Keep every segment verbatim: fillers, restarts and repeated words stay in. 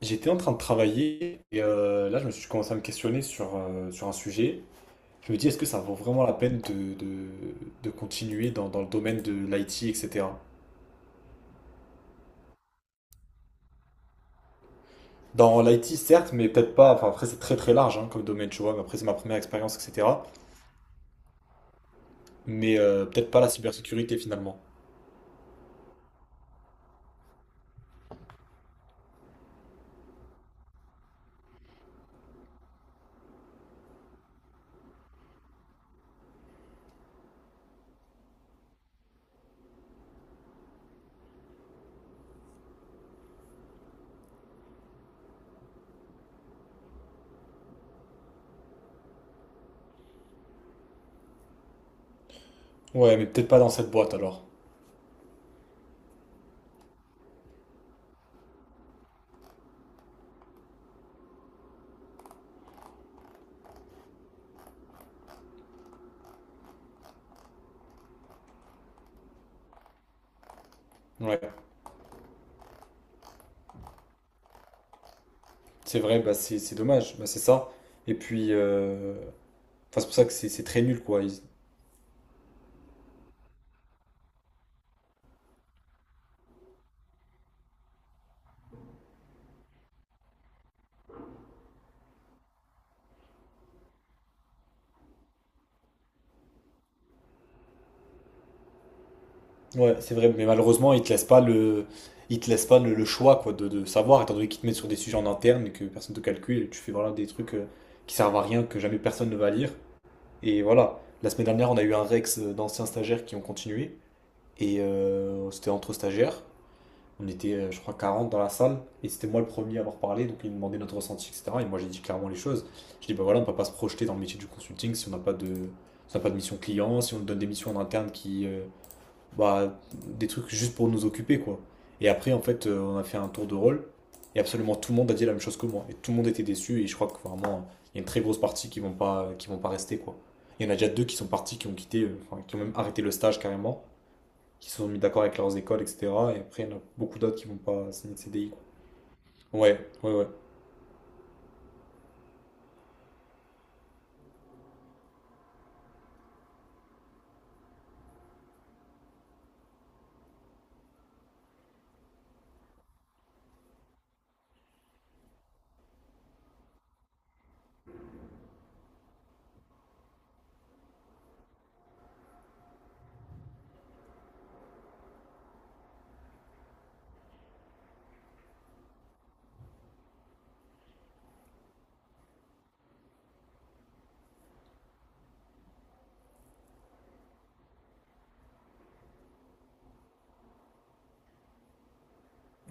J'étais en train de travailler et euh, là je me suis commencé à me questionner sur, euh, sur un sujet. Je me dis est-ce que ça vaut vraiment la peine de, de- de continuer dans, dans le domaine de l'I T, et cetera. Dans l'I T certes, mais peut-être pas, enfin après c'est très très large hein, comme domaine, tu vois, mais après c'est ma première expérience, et cetera. Mais euh, peut-être pas la cybersécurité finalement. Ouais, mais peut-être pas dans cette boîte alors. Ouais, c'est vrai, bah, c'est c'est dommage, bah, c'est ça. Et puis, euh, enfin, c'est pour ça que c'est c'est très nul quoi. Ouais, c'est vrai, mais malheureusement, ils te laissent pas le, ils te laissent pas le, le choix quoi, de, de savoir, étant donné qu'ils te mettent sur des sujets en interne et que personne te calcule, et tu fais voilà, des trucs euh, qui servent à rien, que jamais personne ne va lire. Et voilà, la semaine dernière, on a eu un Rex euh, d'anciens stagiaires qui ont continué, et euh, c'était entre stagiaires. On était, euh, je crois, quarante dans la salle, et c'était moi le premier à avoir parlé, donc ils me demandaient notre ressenti, et cetera. Et moi, j'ai dit clairement les choses. Je dis, bah voilà, on peut pas se projeter dans le métier du consulting si on n'a pas de, si on n'a pas de mission client, si on donne des missions en interne qui. Euh, bah, des trucs juste pour nous occuper, quoi. Et après, en fait, euh, on a fait un tour de rôle, et absolument tout le monde a dit la même chose que moi. Et tout le monde était déçu, et je crois que vraiment, il y a une très grosse partie qui vont pas, qui vont pas rester, quoi. Il y en a déjà deux qui sont partis, qui ont quitté, euh, enfin, qui ont même arrêté le stage carrément, qui se sont mis d'accord avec leurs écoles, et cetera. Et après, il y en a beaucoup d'autres qui vont pas signer de C D I, quoi. Ouais, ouais, ouais.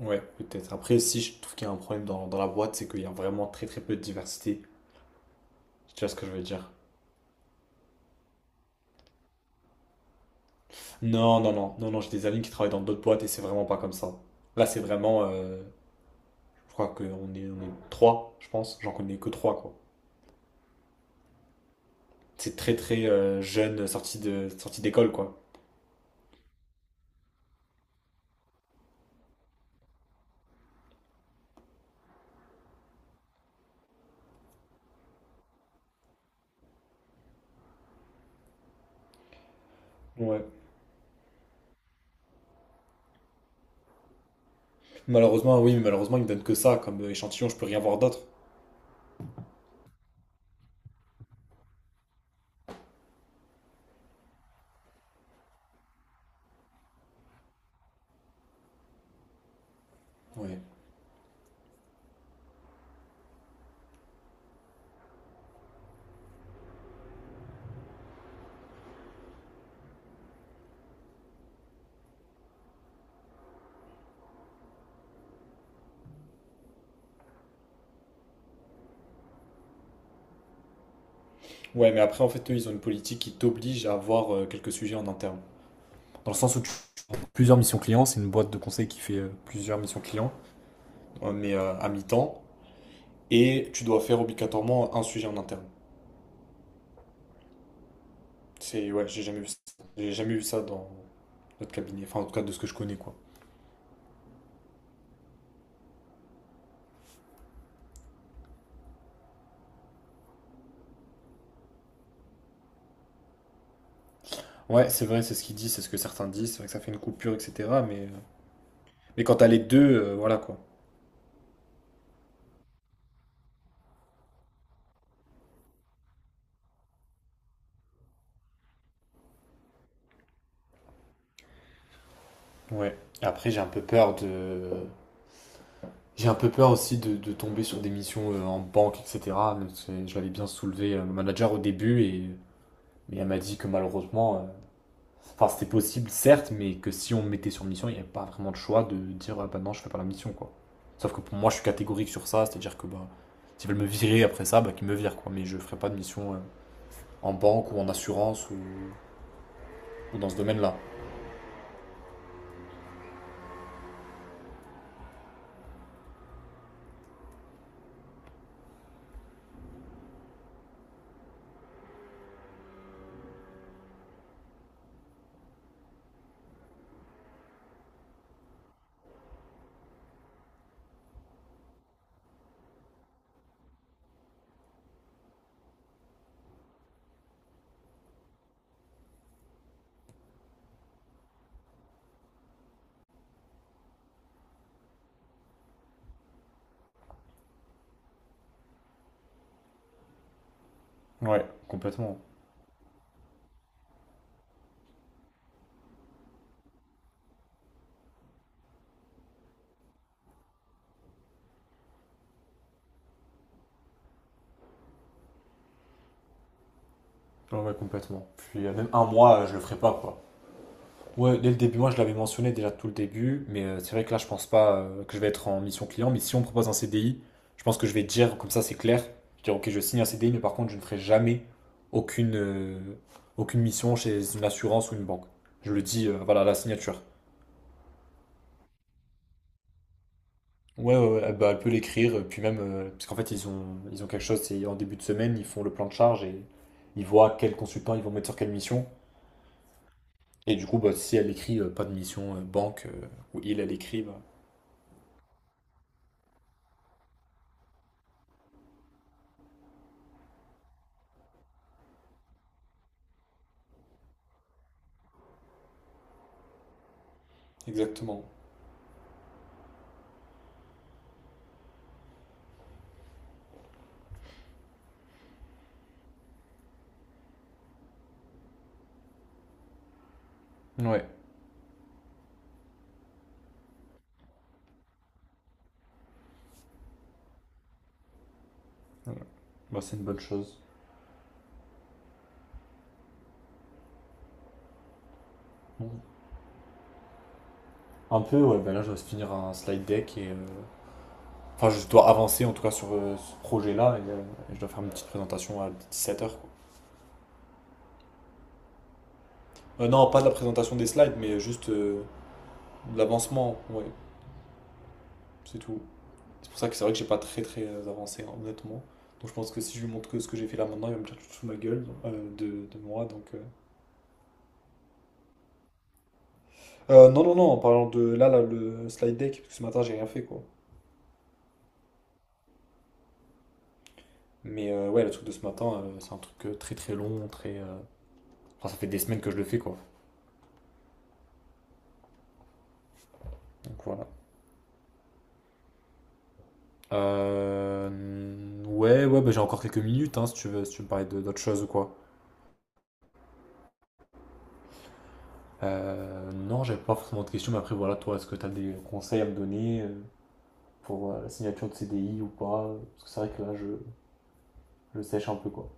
Ouais, peut-être. Après, si je trouve qu'il y a un problème dans, dans la boîte, c'est qu'il y a vraiment très très peu de diversité. Tu vois ce que je veux dire? Non, non, non, non, non, j'ai des amis qui travaillent dans d'autres boîtes et c'est vraiment pas comme ça. Là, c'est vraiment, euh, je crois qu'on est, on est trois, je pense, j'en connais que trois, quoi. C'est très, très euh, jeune, sorti de, sorti d'école, quoi. Ouais. Malheureusement, oui, mais malheureusement, ils me donnent que ça comme euh, échantillon, je peux rien voir d'autre. Ouais. Ouais, mais après, en fait, eux, ils ont une politique qui t'oblige à avoir euh, quelques sujets en interne. Dans le sens où tu fais plusieurs missions clients, c'est une boîte de conseil qui fait euh, plusieurs missions clients, euh, mais euh, à mi-temps, et tu dois faire obligatoirement un sujet en interne. C'est ouais, j'ai jamais vu ça. J'ai jamais vu ça dans notre cabinet. Enfin, en tout cas, de ce que je connais, quoi. Ouais, c'est vrai, c'est ce qu'il dit, c'est ce que certains disent. C'est vrai que ça fait une coupure, et cetera. Mais, euh, mais quand t'as les deux, euh, voilà, quoi. Ouais. Et Après, j'ai un peu peur de. J'ai un peu peur aussi de, de tomber sur des missions euh, en banque, et cetera. Parce que Je l'avais bien soulevé, euh, le manager, au début, et, mais elle m'a dit que malheureusement, Enfin, c'était possible, certes, mais que si on me mettait sur mission, il n'y avait pas vraiment de choix de dire, ah bah non, je fais pas la mission, quoi. Sauf que pour moi, je suis catégorique sur ça, c'est-à-dire que bah, s'ils veulent me virer après ça, bah, qu'ils me virent, quoi. Mais je ferai pas de mission euh, en banque ou en assurance ou, ou dans ce domaine-là. Ouais, complètement. Ouais, ouais, complètement. Puis euh, même un mois, euh, je le ferai pas, quoi. Ouais, dès le début, moi je l'avais mentionné déjà tout le début, mais euh, c'est vrai que là je pense pas euh, que je vais être en mission client, mais si on me propose un C D I, je pense que je vais dire, comme ça c'est clair, je vais dire ok je signe un C D I, mais par contre je ne ferai jamais aucune, euh, aucune mission chez une assurance ou une banque. Je le dis, euh, voilà, à la signature. Ouais, ouais, ouais, bah, elle peut l'écrire, euh, puis même, euh, parce qu'en fait ils ont, ils ont quelque chose, c'est en début de semaine, ils font le plan de charge et ils voient quel consultant ils vont mettre sur quelle mission. Et du coup, bah, si elle écrit euh, pas de mission euh, banque, euh, ou il, elle écrit, bah, Exactement. Ouais. Voilà. Bah, c'est une bonne chose. Mhm. Un peu, ouais, bah là, je dois finir un slide deck et. euh, Enfin, je dois avancer en tout cas sur euh, ce projet-là et, euh, et je dois faire une petite présentation à dix-sept heures. non, pas de la présentation des slides, mais juste euh, de l'avancement, ouais, c'est tout. C'est pour ça que c'est vrai que j'ai pas très très euh, avancé, hein, honnêtement. Donc je pense que si je lui montre que ce que j'ai fait là maintenant, il va me tirer tout sous ma gueule euh, de, de moi. Donc, euh. Euh, non, non, non, en parlant de là, là, le slide deck, parce que ce matin j'ai rien fait quoi. Mais euh, ouais, le truc de ce matin, euh, c'est un truc euh, très très long, très. Euh, Enfin, ça fait des semaines que je le fais, quoi. Donc voilà. Euh, Ouais, ouais, bah, j'ai encore quelques minutes, hein, si tu veux, si tu veux me parler de- d'autres choses ou quoi. Euh, non, j'avais pas forcément de questions, mais après, voilà, toi, est-ce que t'as des conseils à me donner euh, pour euh, la signature de C D I ou pas? Parce que c'est vrai que là, je, je sèche un peu, quoi.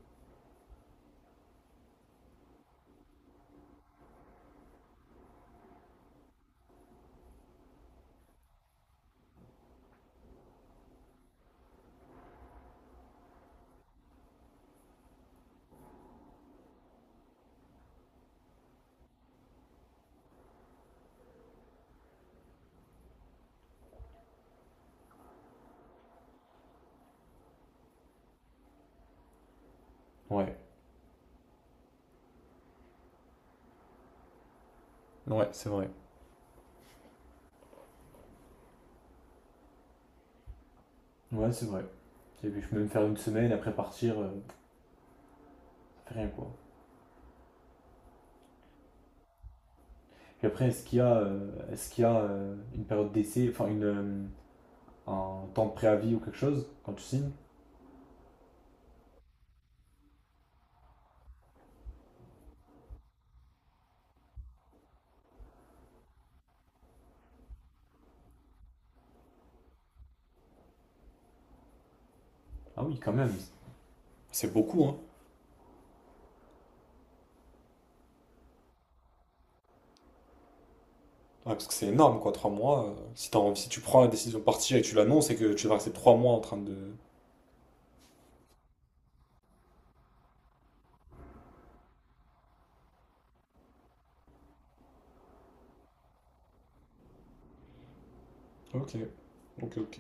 Ouais, ouais, c'est vrai. Ouais, c'est vrai. Et puis, je peux même faire une semaine, après partir, euh, ça fait rien, quoi. Puis après, est-ce qu'il y a, euh, est-ce qu'il y a euh, une période d'essai, enfin, une, euh, un temps de préavis ou quelque chose quand tu signes? Ah oui, quand même, C'est beaucoup, hein. Ouais, parce que c'est énorme, quoi, trois mois. Euh, si t'as envie- si tu prends la décision de partir et que tu l'annonces et que tu vas rester trois mois en train de. Ok, ok, ok.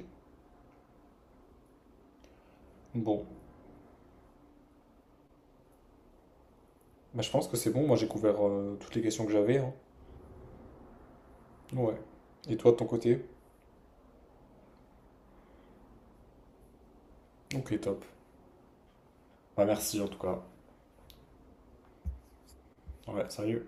Bon, bah, je pense que c'est bon. Moi, j'ai couvert euh, toutes les questions que j'avais. hein. Ouais. Et toi, de ton côté? Ok, top. Bah, merci en tout cas. Ouais, sérieux.